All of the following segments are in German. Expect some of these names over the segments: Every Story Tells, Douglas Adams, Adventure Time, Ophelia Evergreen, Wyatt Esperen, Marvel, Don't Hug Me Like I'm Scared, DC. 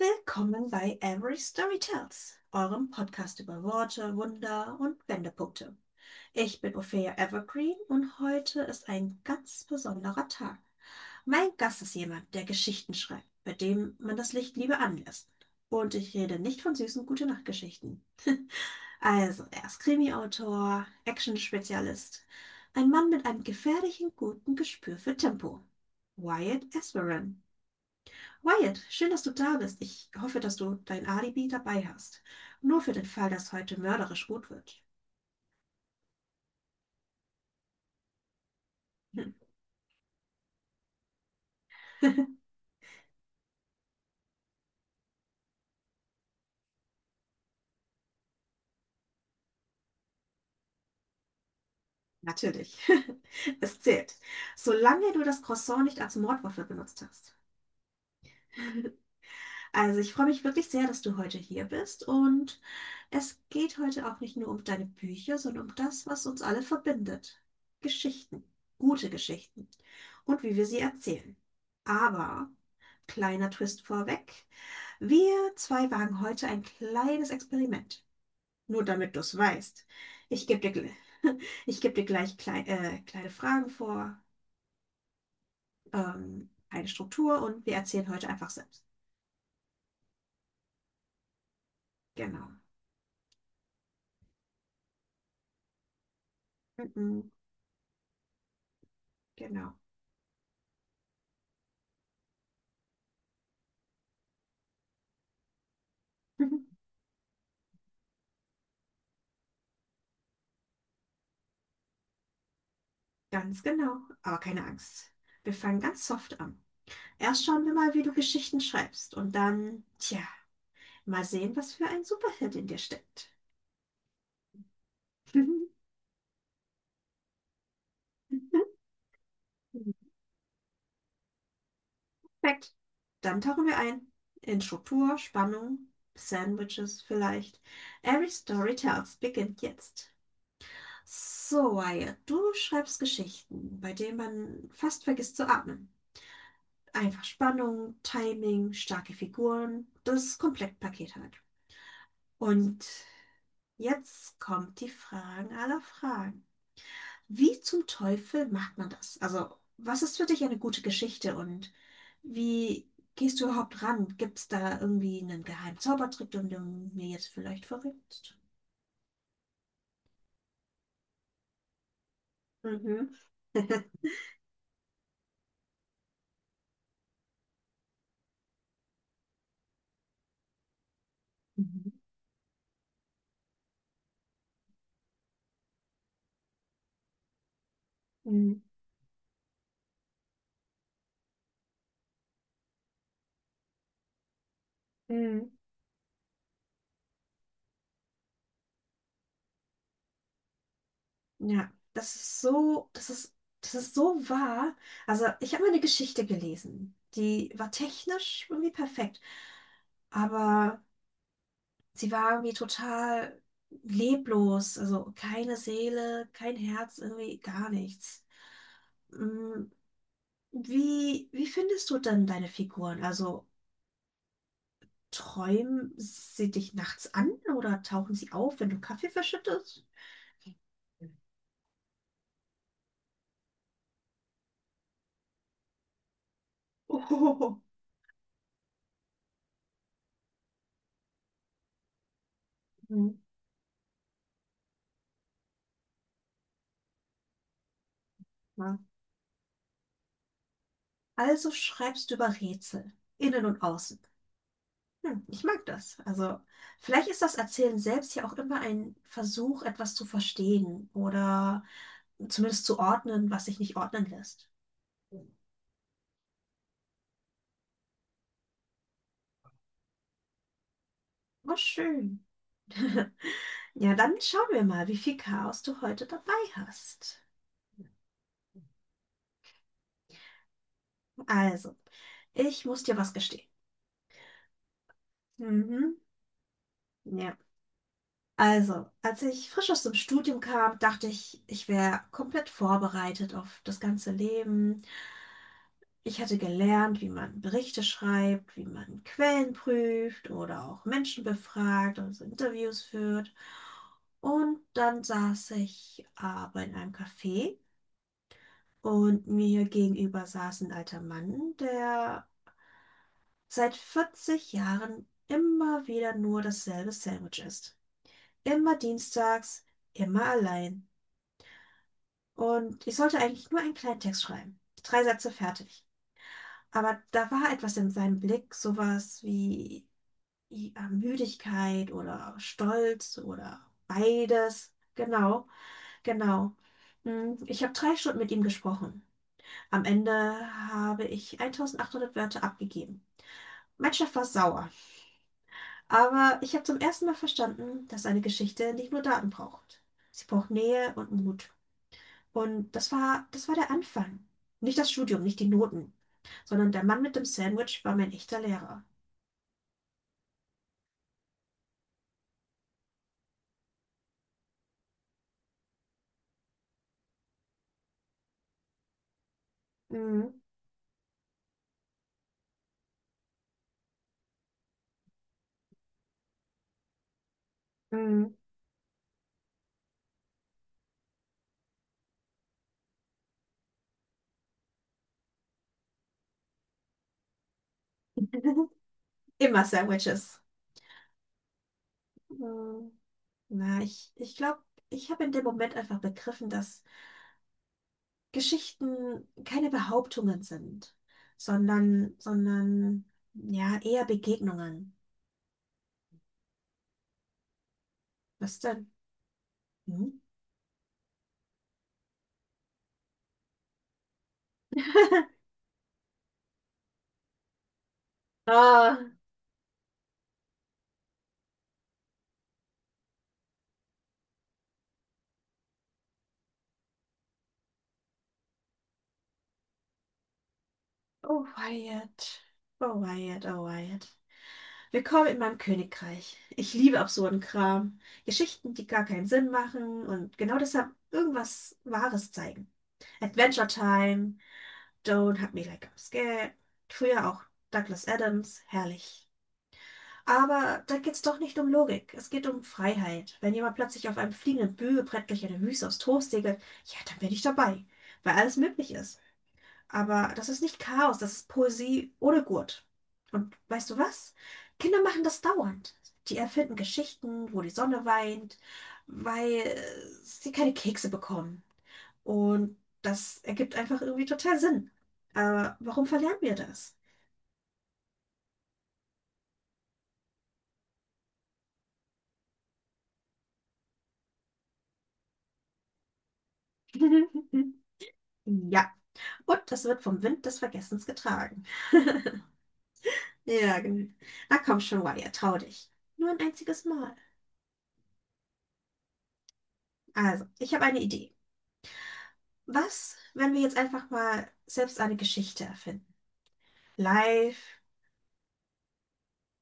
Willkommen bei Every Story Tells, eurem Podcast über Worte, Wunder und Wendepunkte. Ich bin Ophelia Evergreen und heute ist ein ganz besonderer Tag. Mein Gast ist jemand, der Geschichten schreibt, bei dem man das Licht lieber anlässt. Und ich rede nicht von süßen Gute-Nacht-Geschichten. Also, er ist Krimi-Autor, Action-Spezialist, ein Mann mit einem gefährlichen guten Gespür für Tempo. Wyatt Esperen. Wyatt, schön, dass du da bist. Ich hoffe, dass du dein Alibi dabei hast. Nur für den Fall, dass heute mörderisch gut wird. Hm, natürlich. Es zählt. Solange du das Croissant nicht als Mordwaffe benutzt hast. Also ich freue mich wirklich sehr, dass du heute hier bist und es geht heute auch nicht nur um deine Bücher, sondern um das, was uns alle verbindet. Geschichten, gute Geschichten und wie wir sie erzählen. Aber, kleiner Twist vorweg, wir zwei wagen heute ein kleines Experiment. Nur damit du es weißt. Ich gebe dir, gl- ich geb dir gleich kleine Fragen vor, eine Struktur und wir erzählen heute einfach selbst. Genau. Mhm, genau. Ganz genau, aber keine Angst. Wir fangen ganz soft an. Erst schauen wir mal, wie du Geschichten schreibst und dann, tja, mal sehen, was für ein Superheld in dir steckt. Perfekt. Dann tauchen wir ein in Struktur, Spannung, Sandwiches vielleicht. Every Story Tells beginnt jetzt. So, Wyatt, du schreibst Geschichten, bei denen man fast vergisst zu atmen. Einfach Spannung, Timing, starke Figuren, das Komplettpaket halt. Und jetzt kommt die Fragen aller Fragen. Wie zum Teufel macht man das? Also, was ist für dich eine gute Geschichte und wie gehst du überhaupt ran? Gibt es da irgendwie einen geheimen Zaubertrick, den du mir jetzt vielleicht verrätst? Mhm. Mhm. Mhm. Mhm. Ja, das ist so wahr. Also, ich habe mal eine Geschichte gelesen, die war technisch irgendwie perfekt, aber sie war irgendwie total leblos, also keine Seele, kein Herz, irgendwie gar nichts. Mm, wie findest du denn deine Figuren? Also träumen sie dich nachts an oder tauchen sie auf, wenn du Kaffee verschüttest? Oh. Mhm. Ja. Also schreibst du über Rätsel, innen und außen. Hm, ich mag das. Also, vielleicht ist das Erzählen selbst ja auch immer ein Versuch, etwas zu verstehen oder zumindest zu ordnen, was sich nicht ordnen lässt. Oh, schön. Ja, dann schauen wir mal, wie viel Chaos du heute dabei hast. Also, ich muss dir was gestehen. Mhm. Ja. Also, als ich frisch aus dem Studium kam, dachte ich, ich wäre komplett vorbereitet auf das ganze Leben. Ich hatte gelernt, wie man Berichte schreibt, wie man Quellen prüft oder auch Menschen befragt, also Interviews führt. Und dann saß ich aber in einem Café und mir gegenüber saß ein alter Mann, der seit 40 Jahren immer wieder nur dasselbe Sandwich isst. Immer dienstags, immer allein. Und ich sollte eigentlich nur einen kleinen Text schreiben. Drei Sätze fertig. Aber da war etwas in seinem Blick, sowas wie ja, Müdigkeit oder Stolz oder beides. Genau, genau. Hm, ich habe drei Stunden mit ihm gesprochen. Am Ende habe ich 1800 Wörter abgegeben. Mein Chef war sauer, aber ich habe zum ersten Mal verstanden, dass eine Geschichte nicht nur Daten braucht. Sie braucht Nähe und Mut. Und das war der Anfang. Nicht das Studium, nicht die Noten, sondern der Mann mit dem Sandwich war mein echter Lehrer. Mhm. Mhm. Immer Sandwiches. Mhm. Na, ich glaube, ich habe in dem Moment einfach begriffen, dass Geschichten keine Behauptungen sind, sondern ja, eher Begegnungen. Was denn? Hm? Oh, oh Wyatt. Oh Wyatt. Willkommen in meinem Königreich. Ich liebe absurden Kram, Geschichten, die gar keinen Sinn machen und genau deshalb irgendwas Wahres zeigen. Adventure Time, Don't Hug Me Like I'm Scared, früher auch Douglas Adams, herrlich. Aber da geht's doch nicht um Logik, es geht um Freiheit. Wenn jemand plötzlich auf einem fliegenden Bügelbrett durch eine Wüste aus Toast segelt, ja, dann bin ich dabei, weil alles möglich ist. Aber das ist nicht Chaos, das ist Poesie ohne Gurt. Und weißt du was? Kinder machen das dauernd. Die erfinden Geschichten, wo die Sonne weint, weil sie keine Kekse bekommen. Und das ergibt einfach irgendwie total Sinn. Aber warum verlernen wir das? Ja. Und das wird vom Wind des Vergessens getragen. Ja, genau. Na komm schon, Wyatt, trau dich. Nur ein einziges Mal. Also, ich habe eine Idee. Was, wenn wir jetzt einfach mal selbst eine Geschichte erfinden? Live,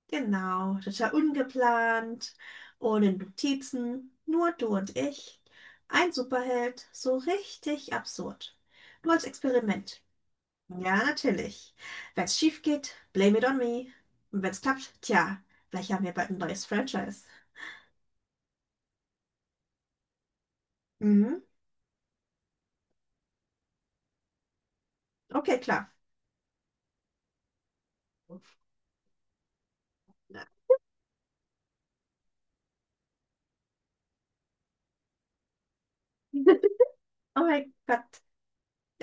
genau, total ungeplant, ohne Notizen, nur du und ich. Ein Superheld, so richtig absurd. Nur als Experiment. Ja, natürlich. Wenn's schief geht, blame it on me. Und wenn's klappt, tja, vielleicht haben wir bald ein neues Franchise. Mhm, okay, klar. Oh mein Gott,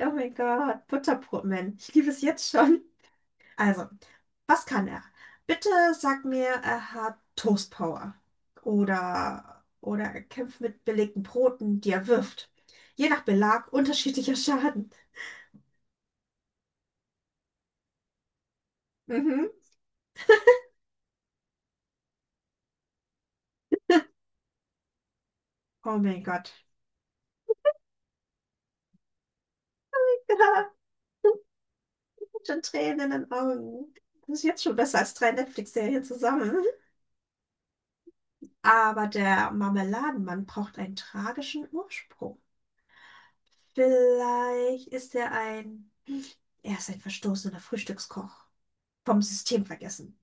oh mein Gott, Butterbrotman. Ich liebe es jetzt schon. Also, was kann er? Bitte sag mir, er hat Toastpower oder er kämpft mit belegten Broten, die er wirft. Je nach Belag unterschiedlicher Schaden. Mhm. Oh mein Gott. Schon Tränen in den Augen. Das ist jetzt schon besser als drei Netflix-Serien zusammen. Aber der Marmeladenmann braucht einen tragischen Ursprung. Vielleicht ist er ein... Er ist ein verstoßener Frühstückskoch. Vom System vergessen.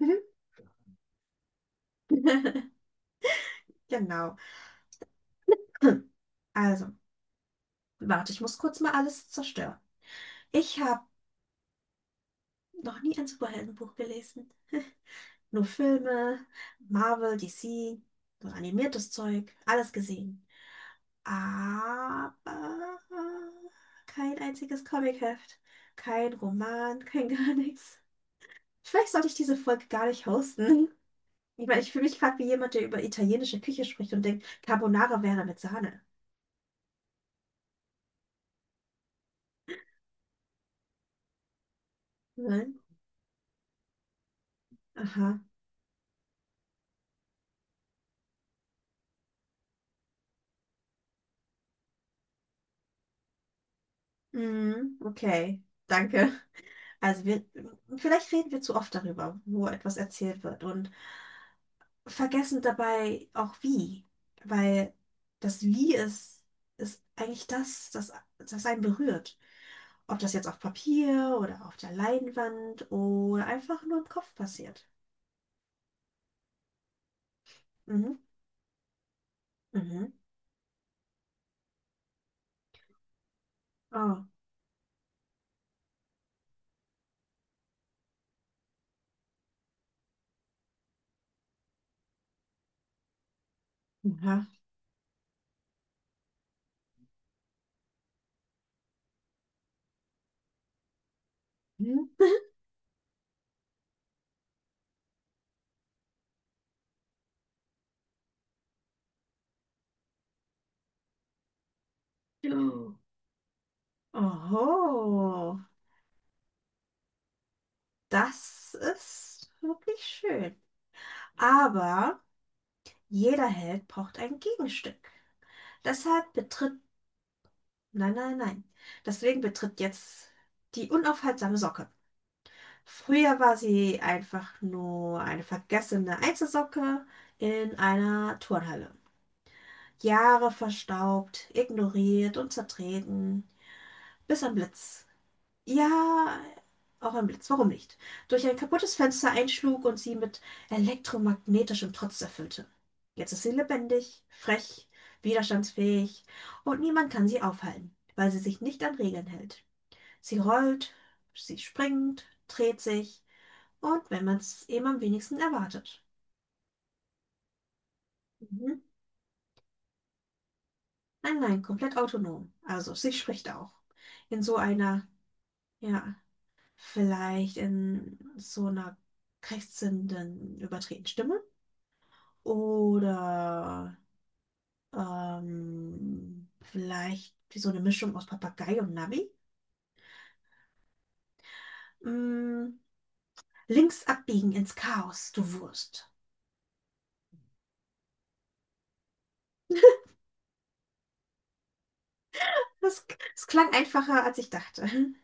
Mhm. Genau. Hm, also, warte, ich muss kurz mal alles zerstören. Ich habe noch nie ein Superheldenbuch gelesen. Nur Filme, Marvel, DC, so animiertes Zeug, alles gesehen. Aber kein einziges Comicheft, kein Roman, kein gar nichts. Vielleicht sollte ich diese Folge gar nicht hosten. Ich meine, ich fühle mich gerade wie jemand, der über italienische Küche spricht und denkt, Carbonara wäre mit Sahne. Nein? Aha. Mhm, okay. Danke. Also wir, vielleicht reden wir zu oft darüber, wo etwas erzählt wird und vergessen dabei auch wie, weil das Wie ist, ist eigentlich das einen berührt. Ob das jetzt auf Papier oder auf der Leinwand oder einfach nur im Kopf passiert. Mhm. Mhm. Oh. Ja. Hm. Oho, das ist wirklich schön. Aber jeder Held braucht ein Gegenstück. Deshalb betritt, nein, nein, nein. Deswegen betritt jetzt die unaufhaltsame Socke. Früher war sie einfach nur eine vergessene Einzelsocke in einer Turnhalle. Jahre verstaubt, ignoriert und zertreten, bis ein Blitz ja, auch ein Blitz, warum nicht? Durch ein kaputtes Fenster einschlug und sie mit elektromagnetischem Trotz erfüllte. Jetzt ist sie lebendig, frech, widerstandsfähig und niemand kann sie aufhalten, weil sie sich nicht an Regeln hält. Sie rollt, sie springt, dreht sich und wenn man es eben am wenigsten erwartet. Mhm. Nein, nein, komplett autonom. Also, sie spricht auch. In so einer, ja. Vielleicht in so einer krächzenden, überdrehten Stimme oder vielleicht wie so eine Mischung aus Papagei und Navi. Mm, links abbiegen ins Chaos, du Wurst. Das, das klang einfacher, als ich dachte.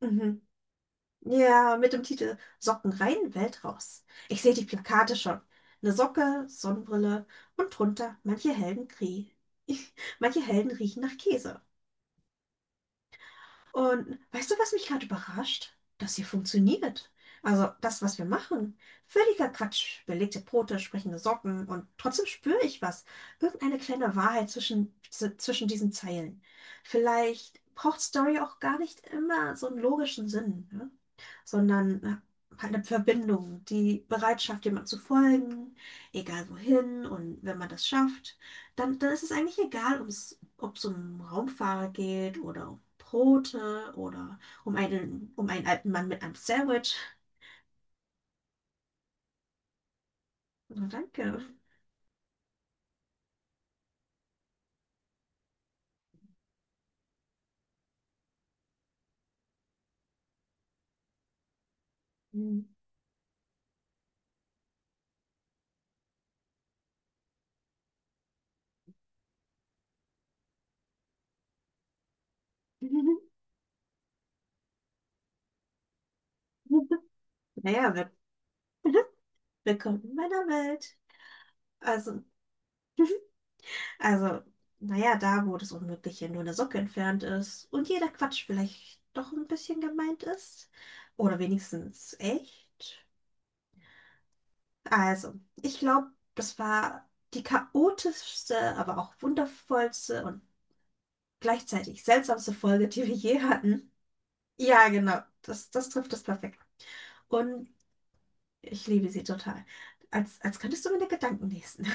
Mhm. Ja, mit dem Titel Socken rein, Welt raus. Ich sehe die Plakate schon. Eine Socke, Sonnenbrille und drunter manche manche Helden riechen nach Käse. Und weißt du, was mich gerade überrascht? Das hier funktioniert. Also das, was wir machen. Völliger Quatsch. Belegte Brote, sprechende Socken und trotzdem spüre ich was. Irgendeine kleine Wahrheit zwischen diesen Zeilen. Vielleicht braucht Story auch gar nicht immer so einen logischen Sinn, ne? Sondern halt eine Verbindung, die Bereitschaft, jemand zu folgen, egal wohin. Und wenn man das schafft, dann ist es eigentlich egal, ob es um Raumfahrer geht oder um Brote oder um um einen alten Mann mit einem Sandwich. Na, danke. Mhm. Naja, wir- willkommen in meiner Welt. Also. Also, naja, da, wo das Unmögliche nur eine Socke entfernt ist und jeder Quatsch vielleicht doch ein bisschen gemeint ist. Oder wenigstens echt. Also, ich glaube, das war die chaotischste, aber auch wundervollste und gleichzeitig seltsamste Folge, die wir je hatten. Ja, genau, das trifft es perfekt. Und ich liebe sie total. Als könntest du meine Gedanken lesen.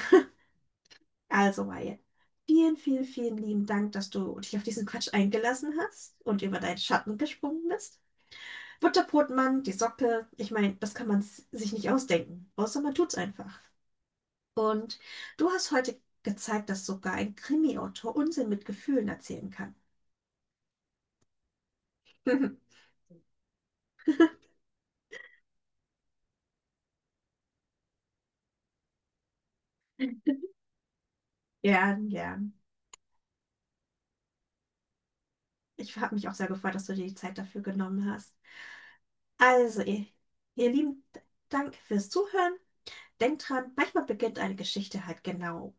Also, Wyatt, vielen, vielen lieben Dank, dass du dich auf diesen Quatsch eingelassen hast und über deinen Schatten gesprungen bist. Butterbrotmann, die Socke, ich meine, das kann man sich nicht ausdenken, außer man tut's einfach. Und du hast heute gezeigt, dass sogar ein Krimi-Autor Unsinn mit Gefühlen erzählen kann. Gern, gern. Ich habe mich auch sehr gefreut, dass du dir die Zeit dafür genommen hast. Also, ihr Lieben, Dank fürs Zuhören. Denkt dran, manchmal beginnt eine Geschichte halt genau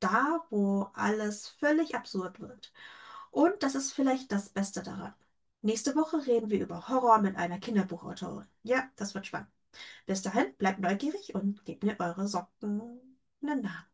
da, wo alles völlig absurd wird. Und das ist vielleicht das Beste daran. Nächste Woche reden wir über Horror mit einer Kinderbuchautorin. Ja, das wird spannend. Bis dahin, bleibt neugierig und gebt mir eure Socken. Na, na.